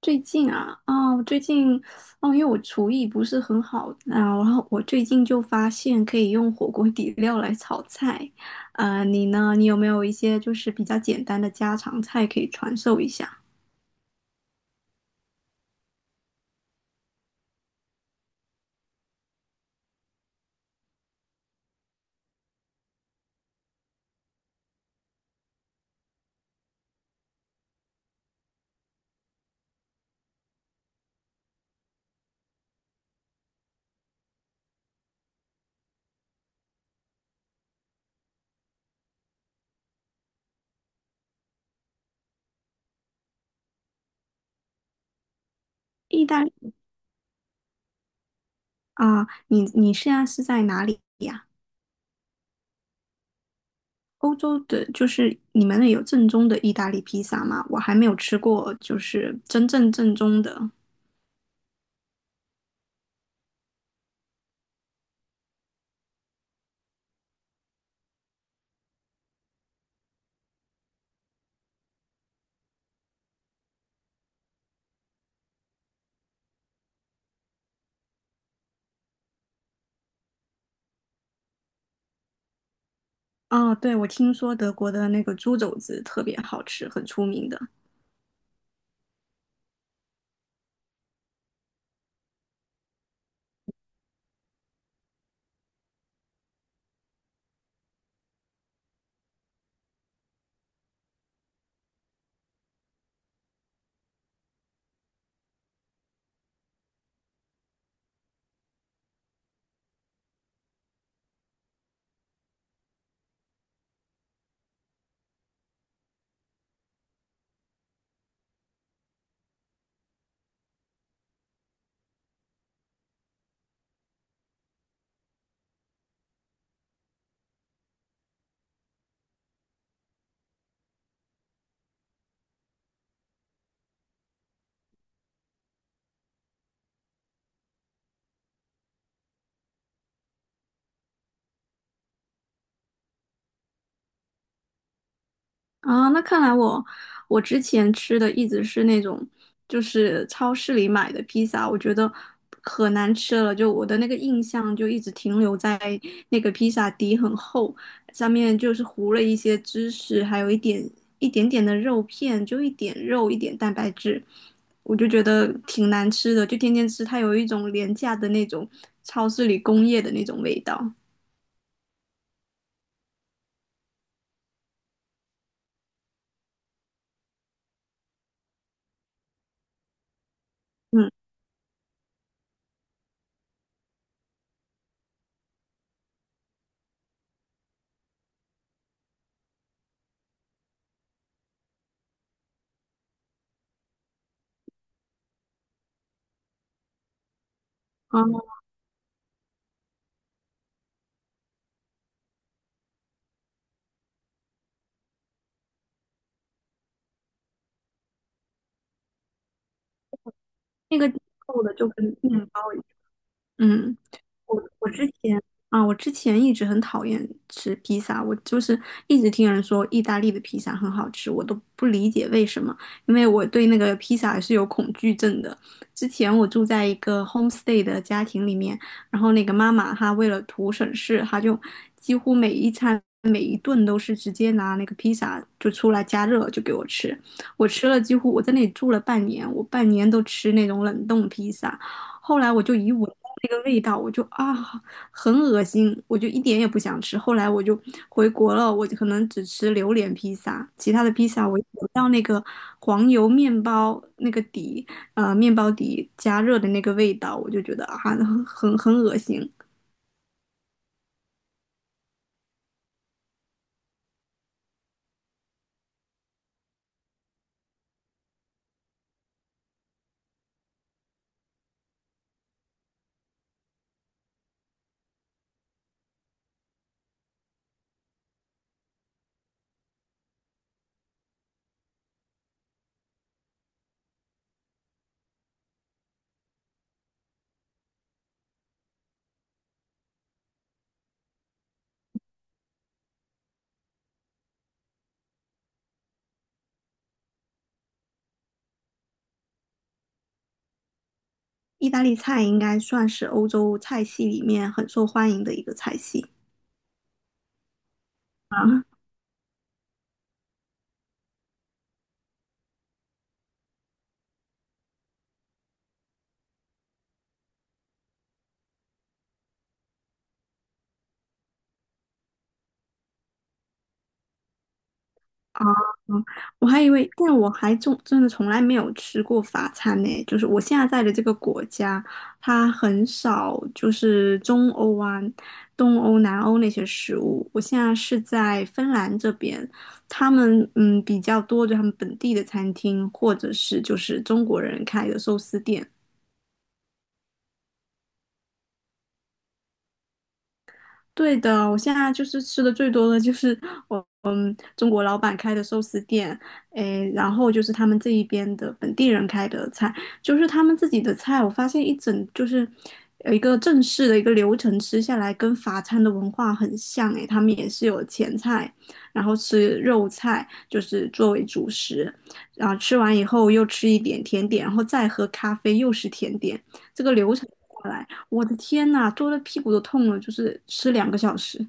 最近啊，我最近哦，因为我厨艺不是很好啊，然后我最近就发现可以用火锅底料来炒菜。你呢？你有没有一些就是比较简单的家常菜可以传授一下？意大利。啊，你现在是在哪里呀？欧洲的，就是你们那有正宗的意大利披萨吗？我还没有吃过，就是真正正宗的。哦，对，我听说德国的那个猪肘子特别好吃，很出名的。啊，那看来我我之前吃的一直是那种，就是超市里买的披萨，我觉得可难吃了。就我的那个印象就一直停留在那个披萨底很厚，上面就是糊了一些芝士，还有一点一点点的肉片，就一点肉一点蛋白质，我就觉得挺难吃的。就天天吃，它有一种廉价的那种超市里工业的那种味道。嗯，啊，那个厚的就跟面包一样。嗯。我之前啊，我之前一直很讨厌吃披萨，我就是一直听人说意大利的披萨很好吃，我都不理解为什么，因为我对那个披萨是有恐惧症的。之前我住在一个 homestay 的家庭里面，然后那个妈妈她为了图省事，她就几乎每一餐每一顿都是直接拿那个披萨就出来加热就给我吃，我吃了几乎我在那里住了半年，我半年都吃那种冷冻披萨。后来我就一闻到那个味道，我就啊，很恶心，我就一点也不想吃。后来我就回国了，我就可能只吃榴莲披萨，其他的披萨我一闻到那个黄油面包那个底，面包底加热的那个味道，我就觉得啊，很恶心。意大利菜应该算是欧洲菜系里面很受欢迎的一个菜系。嗯，我还以为，但我还真的从来没有吃过法餐呢。就是我现在在的这个国家，它很少就是中欧啊、东欧、南欧那些食物。我现在是在芬兰这边，他们嗯比较多，就他们本地的餐厅，或者是就是中国人开的寿司店。对的，我现在就是吃的最多的就是 我。中国老板开的寿司店，诶，然后就是他们这一边的本地人开的菜，就是他们自己的菜。我发现一整就是有一个正式的一个流程吃下来，跟法餐的文化很像。诶，他们也是有前菜，然后吃肉菜，就是作为主食，然后吃完以后又吃一点甜点，然后再喝咖啡，又是甜点。这个流程下来，我的天呐，坐的屁股都痛了，就是吃两个小时。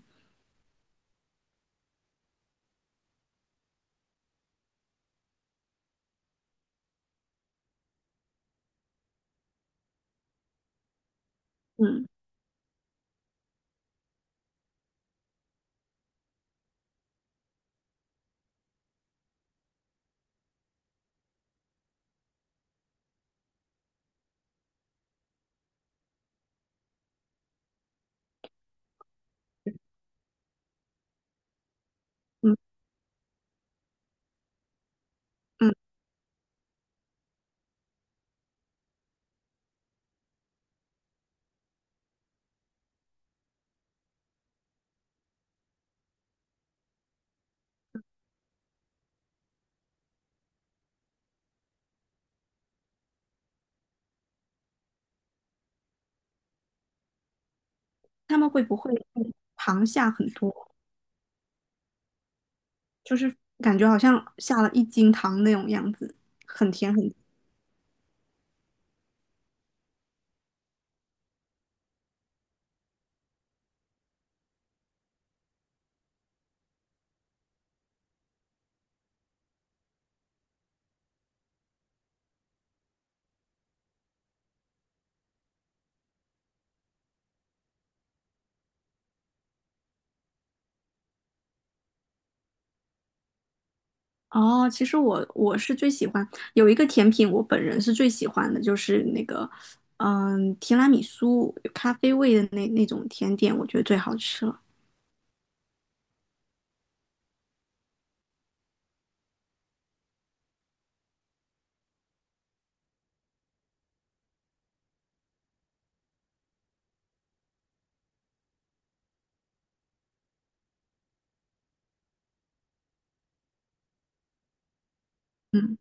嗯嗯。他们会不会糖下很多？就是感觉好像下了一斤糖那种样子，很甜很甜。哦，其实我是最喜欢有一个甜品，我本人是最喜欢的，就是那个提拉米苏有咖啡味的那种甜点，我觉得最好吃了。嗯，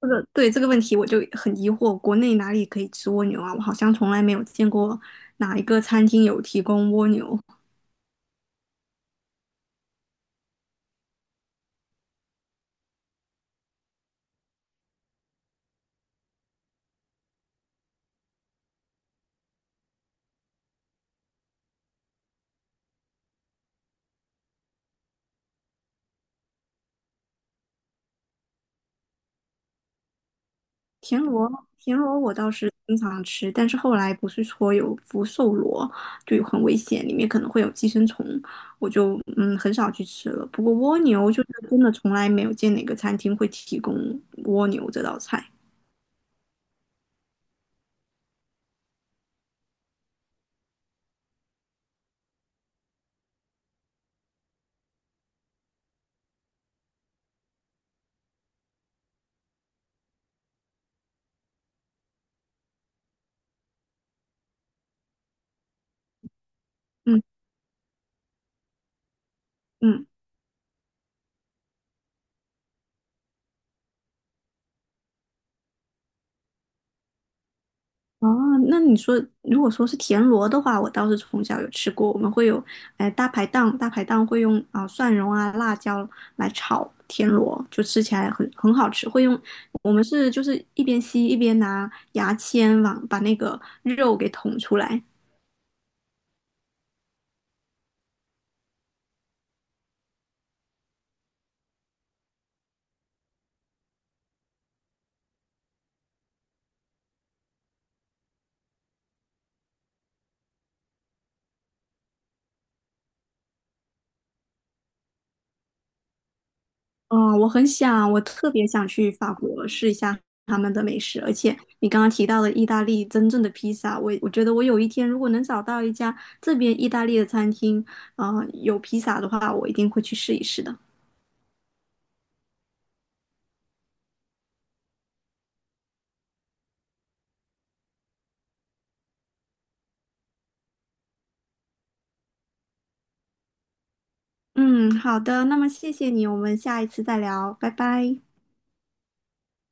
这个对这个问题我就很疑惑，国内哪里可以吃蜗牛啊？我好像从来没有见过哪一个餐厅有提供蜗牛。田螺，田螺我倒是经常吃，但是后来不是说有福寿螺，就有很危险，里面可能会有寄生虫，我就很少去吃了。不过蜗牛就是真的从来没有见哪个餐厅会提供蜗牛这道菜。嗯嗯。哦，那你说，如果说是田螺的话，我倒是从小有吃过。我们会有，哎，大排档，大排档会用啊、蒜蓉啊、辣椒来炒田螺，就吃起来很好吃。会用，我们是就是一边吸一边拿牙签往把那个肉给捅出来。哦，我很想，我特别想去法国试一下他们的美食，而且你刚刚提到的意大利真正的披萨，我觉得我有一天如果能找到一家这边意大利的餐厅，啊，有披萨的话，我一定会去试一试的。嗯，好的，那么谢谢你，我们下一次再聊，拜拜。